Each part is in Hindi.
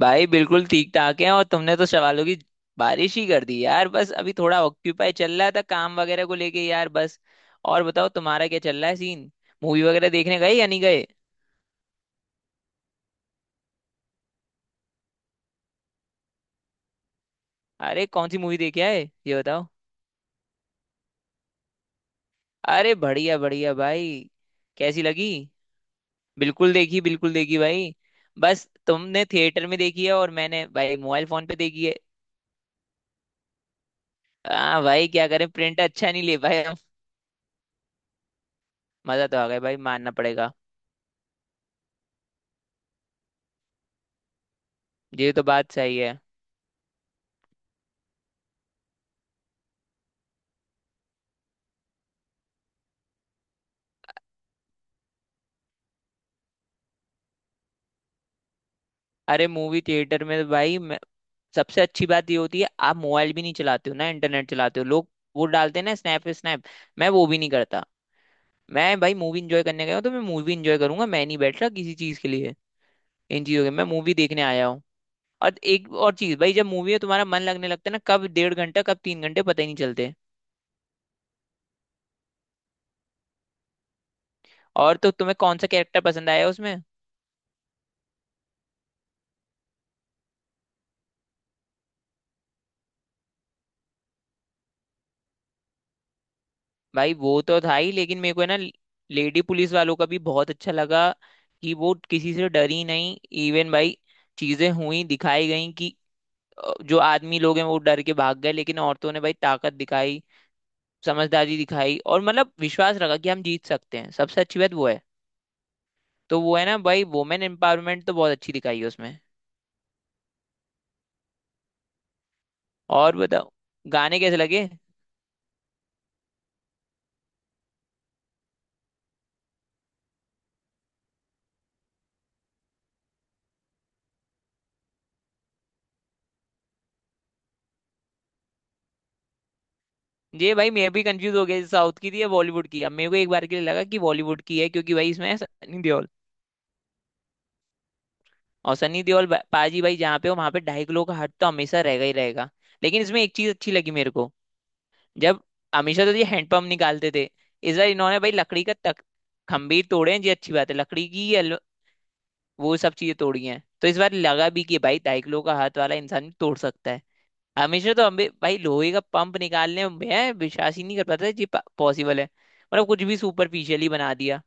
भाई बिल्कुल ठीक ठाक है। और तुमने तो सवालों की बारिश ही कर दी यार। बस अभी थोड़ा ऑक्यूपाई चल रहा था, काम वगैरह को लेके यार। बस और बताओ, तुम्हारा क्या चल रहा है सीन? मूवी वगैरह देखने गए या नहीं गए? अरे कौन सी मूवी देखे आए ये बताओ। अरे बढ़िया बढ़िया भाई। कैसी लगी? बिल्कुल देखी, बिल्कुल देखी भाई। बस तुमने थिएटर में देखी है और मैंने भाई मोबाइल फोन पे देखी है। हाँ भाई, क्या करें, प्रिंट अच्छा नहीं ले पाए हम। मजा तो आ गया भाई, मानना पड़ेगा। ये तो बात सही है। अरे मूवी थिएटर में तो भाई सबसे अच्छी बात ये होती है, आप मोबाइल भी नहीं चलाते हो ना, इंटरनेट चलाते हो लोग, वो डालते हैं ना स्नैप स्नैप। मैं वो भी नहीं करता। मैं भाई मूवी इंजॉय करने गया हूँ तो मैं मूवी इंजॉय करूंगा, मैं नहीं बैठ रहा किसी चीज के लिए। इन चीजों के, मैं मूवी देखने आया हूँ। और एक और चीज भाई, जब मूवी में तुम्हारा मन लगने लगता है ना, कब 1.5 घंटा, कब 3 घंटे पता ही नहीं चलते। और तो तुम्हें कौन सा कैरेक्टर पसंद आया उसमें? भाई वो तो था ही, लेकिन मेरे को है ना लेडी पुलिस वालों का भी बहुत अच्छा लगा, कि वो किसी से डरी नहीं। इवन भाई चीजें हुई दिखाई गई कि जो आदमी लोग हैं वो डर के भाग गए, लेकिन औरतों ने भाई ताकत दिखाई, समझदारी दिखाई और मतलब विश्वास रखा कि हम जीत सकते हैं। सबसे अच्छी बात वो है। तो वो है ना भाई, वुमेन एम्पावरमेंट तो बहुत अच्छी दिखाई है उसमें। और बताओ, गाने कैसे लगे? ये भाई मैं भी कंफ्यूज हो गया, साउथ की थी या बॉलीवुड की। अब मेरे को एक बार के लिए लगा कि बॉलीवुड की है, क्योंकि भाई इसमें है सनी देओल। और सनी देओल पाजी भाई जहाँ पे हो वहाँ पे 2.5 किलो का हट तो हमेशा रहेगा ही रहेगा। लेकिन इसमें एक चीज अच्छी लगी मेरे को। जब हमेशा तो ये हैंडपंप निकालते थे, इस बार इन्होंने भाई लकड़ी का तक खंभे तोड़े हैं। ये अच्छी बात है, लकड़ी की ये वो सब चीजें तोड़ी हैं। तो इस बार लगा भी कि भाई 2.5 किलो का हाथ वाला इंसान भी तोड़ सकता है। हमेशा तो हमें भाई लोहे का पंप निकालने में मैं विश्वास ही नहीं कर पाता, ये पॉसिबल है? मतलब कुछ भी सुपरफिशियल ही बना दिया।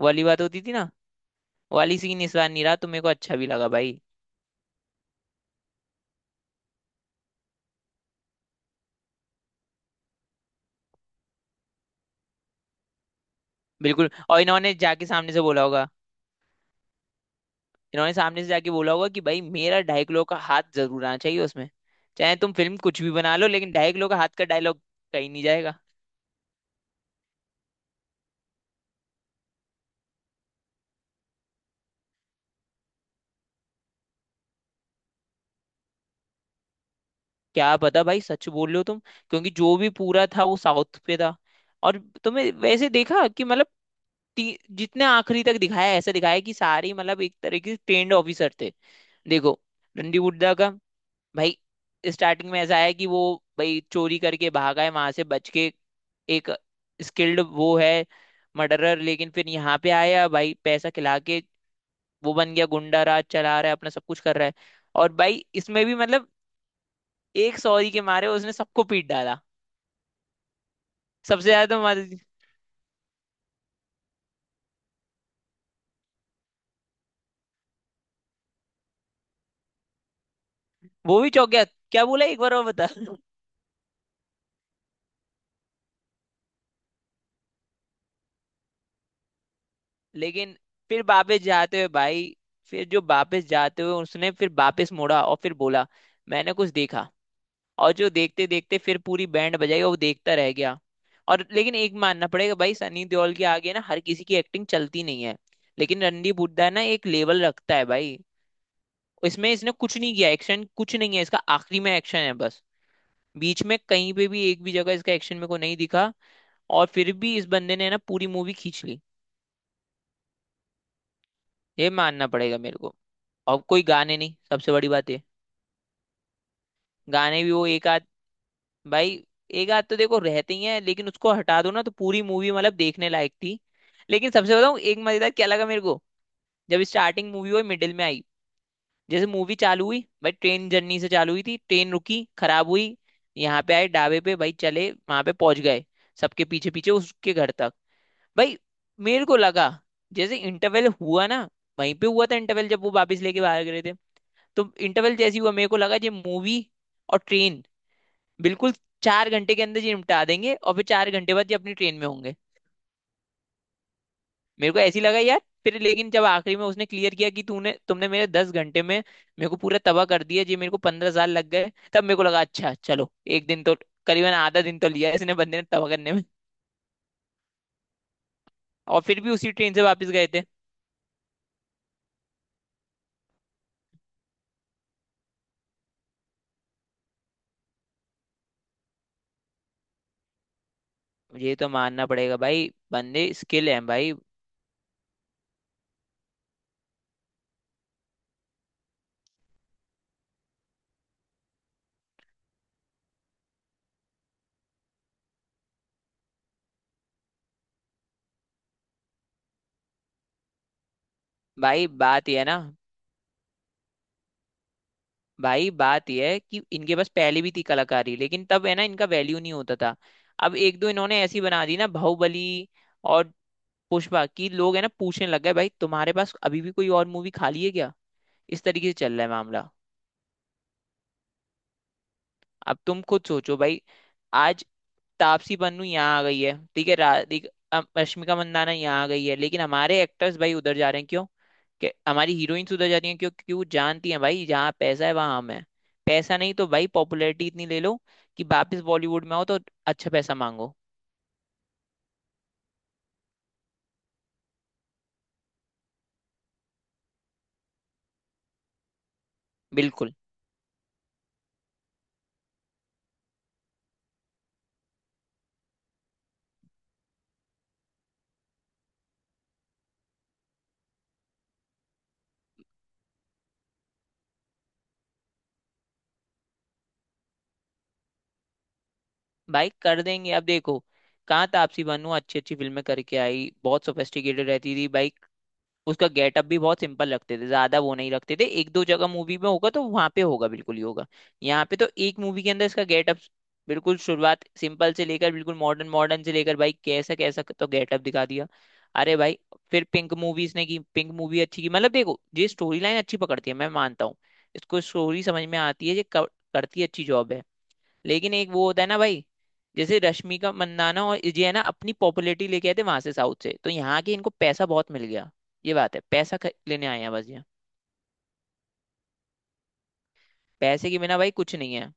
वो वाली बात होती थी ना, वो वाली सीन इस बार नहीं रहा, तो मेरे को अच्छा भी लगा भाई। बिल्कुल, और इन्होंने जाके सामने से बोला होगा। इन्होंने सामने से जाके बोला होगा कि भाई मेरा 2.5 किलो का हाथ जरूर आना चाहिए उसमें। चाहे तुम फिल्म कुछ भी बना लो, लेकिन 2.5 किलो का हाथ का डायलॉग कहीं नहीं जाएगा। क्या पता भाई, सच बोल रहे हो तुम। क्योंकि जो भी पूरा था वो साउथ पे था। और तुमने वैसे देखा कि मतलब जितने आखिरी तक दिखाया, ऐसा दिखाया कि सारी मतलब एक तरह के ट्रेंड ऑफिसर थे। देखो, रणदीप हुड्डा का भाई स्टार्टिंग में ऐसा है कि वो भाई चोरी करके भागा है वहां से बच के। एक स्किल्ड वो है मर्डरर, लेकिन फिर यहाँ पे आया भाई, पैसा खिला के वो बन गया, गुंडा राज चला रहा है, अपना सब कुछ कर रहा है। और भाई इसमें भी मतलब एक सॉरी के मारे उसने सबको पीट डाला। सबसे ज्यादा तो वो भी चौंक गया, क्या बोला एक बार और बता। लेकिन फिर वापस जाते हुए भाई, फिर जो वापस जाते हुए उसने फिर वापस मुड़ा और फिर बोला, मैंने कुछ देखा। और जो देखते देखते फिर पूरी बैंड बजाएगा, वो देखता रह गया। और लेकिन एक मानना पड़ेगा भाई, सनी देओल के आगे ना हर किसी की एक्टिंग चलती नहीं है। लेकिन रणदीप हुड्डा ना एक लेवल रखता है भाई। इसमें इसने कुछ नहीं किया, एक्शन कुछ नहीं है इसका, आखिरी में एक्शन है बस। बीच में कहीं पे भी एक भी जगह इसका एक्शन मेरे को नहीं दिखा। और फिर भी इस बंदे ने ना पूरी मूवी खींच ली, ये मानना पड़ेगा मेरे को। और कोई गाने नहीं, सबसे बड़ी बात ये। गाने भी वो एक आध भाई, एक आध तो देखो रहती ही है, लेकिन उसको हटा दो ना तो पूरी मूवी मतलब देखने लायक थी। लेकिन सबसे बताऊं एक मजेदार क्या लगा मेरे को? जब स्टार्टिंग मूवी हुई, मिडिल में आई, जैसे मूवी चालू हुई भाई, ट्रेन जर्नी से चालू हुई थी, ट्रेन रुकी, खराब हुई, यहाँ पे आए ढाबे पे भाई, चले वहां पे पहुंच गए, सबके पीछे पीछे उसके घर तक। भाई मेरे को लगा जैसे इंटरवल हुआ ना, वहीं पे हुआ था इंटरवल जब वो वापस लेके बाहर गए थे। तो इंटरवल जैसी हुआ मेरे को लगा ये मूवी। और ट्रेन बिल्कुल 4 घंटे के अंदर ये निपटा देंगे, और फिर 4 घंटे बाद ये अपनी ट्रेन में होंगे। मेरे को ऐसी लगा यार, फिर लेकिन जब आखिरी में उसने क्लियर किया कि तूने तुमने मेरे 10 घंटे में मेरे को पूरा तबाह कर दिया जी, मेरे को 15 साल लग गए, तब मेरे को लगा अच्छा चलो। एक दिन तो, करीबन आधा दिन तो लिया इसने बंदे ने तबाह करने में। और फिर भी उसी ट्रेन से वापस गए थे। ये तो मानना पड़ेगा भाई, बंदे स्किल है भाई। भाई बात ये है ना, भाई बात यह है कि इनके पास पहले भी थी कलाकारी, लेकिन तब है ना इनका वैल्यू नहीं होता था। अब एक दो इन्होंने ऐसी बना दी ना, बाहुबली और पुष्पा की, लोग है ना पूछने लग गए भाई, तुम्हारे पास अभी भी कोई और मूवी खाली है क्या? इस तरीके से चल रहा है मामला। अब तुम खुद सोचो भाई, आज तापसी पन्नू यहाँ आ गई है, ठीक है, राधिका, रश्मिका मंदाना यहाँ आ गई है, लेकिन हमारे एक्टर्स भाई उधर जा रहे हैं क्यों? कि हमारी हीरोइंस उधर जा रही हैं क्यों? क्योंकि वो जानती हैं भाई, जहाँ पैसा है वहां हम हैं। पैसा नहीं तो भाई पॉपुलैरिटी इतनी ले लो कि वापस बॉलीवुड में आओ तो अच्छा पैसा मांगो। बिल्कुल भाई कर देंगे। अब देखो कहाँ तापसी पन्नू अच्छी अच्छी फिल्में करके आई, बहुत सोफेस्टिकेटेड रहती थी भाई। उसका गेटअप भी बहुत सिंपल रखते थे, ज्यादा वो नहीं रखते थे, एक दो जगह मूवी में होगा तो वहां पे होगा, बिल्कुल ही होगा। यहाँ पे तो एक मूवी के अंदर इसका गेटअप बिल्कुल शुरुआत सिंपल से लेकर बिल्कुल मॉडर्न मॉडर्न से लेकर भाई कैसा कैसा तो गेटअप दिखा दिया। अरे भाई, फिर पिंक मूवी इसने की, पिंक मूवी अच्छी की, मतलब देखो ये स्टोरी लाइन अच्छी पकड़ती है, मैं मानता हूँ। इसको स्टोरी समझ में आती है, ये करती है, अच्छी जॉब है। लेकिन एक वो होता है ना भाई, जैसे रश्मिका मंदाना और ये है ना, अपनी पॉपुलैरिटी लेके आए थे वहां से, साउथ से, तो यहाँ के इनको पैसा बहुत मिल गया। ये बात है, पैसा लेने आए हैं बस ये। पैसे के बिना भाई कुछ नहीं है।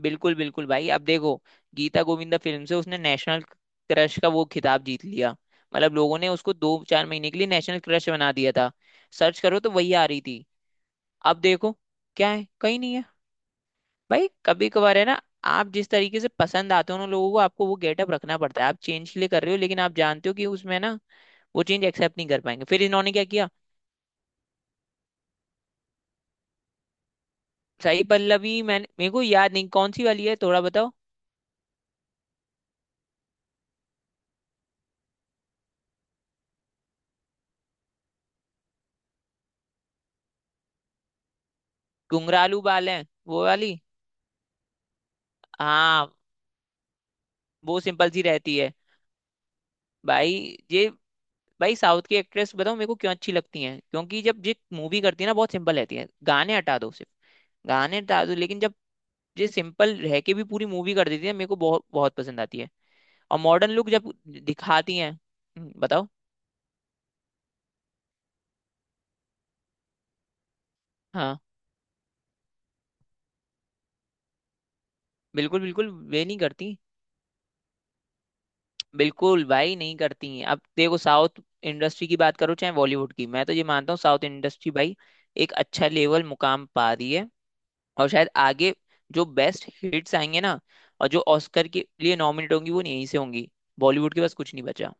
बिल्कुल बिल्कुल भाई, अब देखो गीता गोविंदा फिल्म से उसने नेशनल क्रश का वो खिताब जीत लिया। मतलब लोगों ने उसको दो चार महीने के लिए नेशनल क्रश बना दिया था, सर्च करो तो वही आ रही थी। अब देखो क्या है, कहीं नहीं है। भाई कभी कभार है ना, आप जिस तरीके से पसंद आते हो उन लोगों को, आपको वो गेटअप रखना पड़ता है। आप चेंज के लिए कर रहे हो, लेकिन आप जानते हो कि उसमें ना वो चेंज एक्सेप्ट नहीं कर पाएंगे, फिर इन्होंने क्या किया। साई पल्लवी मैंने, मेरे को याद नहीं कौन सी वाली है, थोड़ा बताओ। घुंघरालू बाल है वो वाली? हाँ, वो सिंपल सी रहती है। भाई ये, भाई साउथ की एक्ट्रेस बताओ मेरे को क्यों अच्छी लगती हैं, क्योंकि जब ये मूवी करती है ना बहुत सिंपल रहती है। गाने हटा दो सिर्फ, गाने हटा दो, लेकिन जब ये सिंपल रह के भी पूरी मूवी कर देती है, मेरे को बहुत बहुत पसंद आती है। और मॉडर्न लुक जब दिखाती हैं बताओ। हाँ, बिल्कुल बिल्कुल, वे नहीं करती। बिल्कुल भाई नहीं करती हैं। अब देखो साउथ इंडस्ट्री की बात करो चाहे बॉलीवुड की, मैं तो ये मानता हूँ साउथ इंडस्ट्री भाई एक अच्छा लेवल मुकाम पा रही है। और शायद आगे जो बेस्ट हिट्स आएंगे ना, और जो ऑस्कर के लिए नॉमिनेट होंगी वो यहीं से होंगी। बॉलीवुड के पास कुछ नहीं बचा।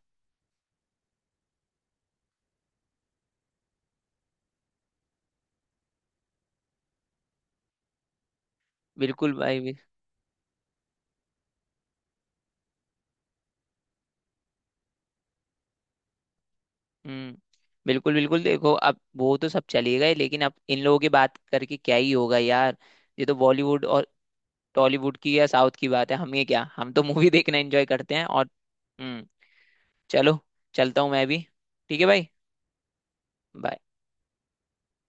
बिल्कुल भाई हम्म, बिल्कुल बिल्कुल देखो, अब वो तो सब चले गए, लेकिन अब इन लोगों की बात करके क्या ही होगा यार। ये तो बॉलीवुड और टॉलीवुड की या साउथ की बात है, हम ये क्या, हम तो मूवी देखना एंजॉय करते हैं और हम्म, चलो, चलता हूँ मैं भी। ठीक है भाई। Bye.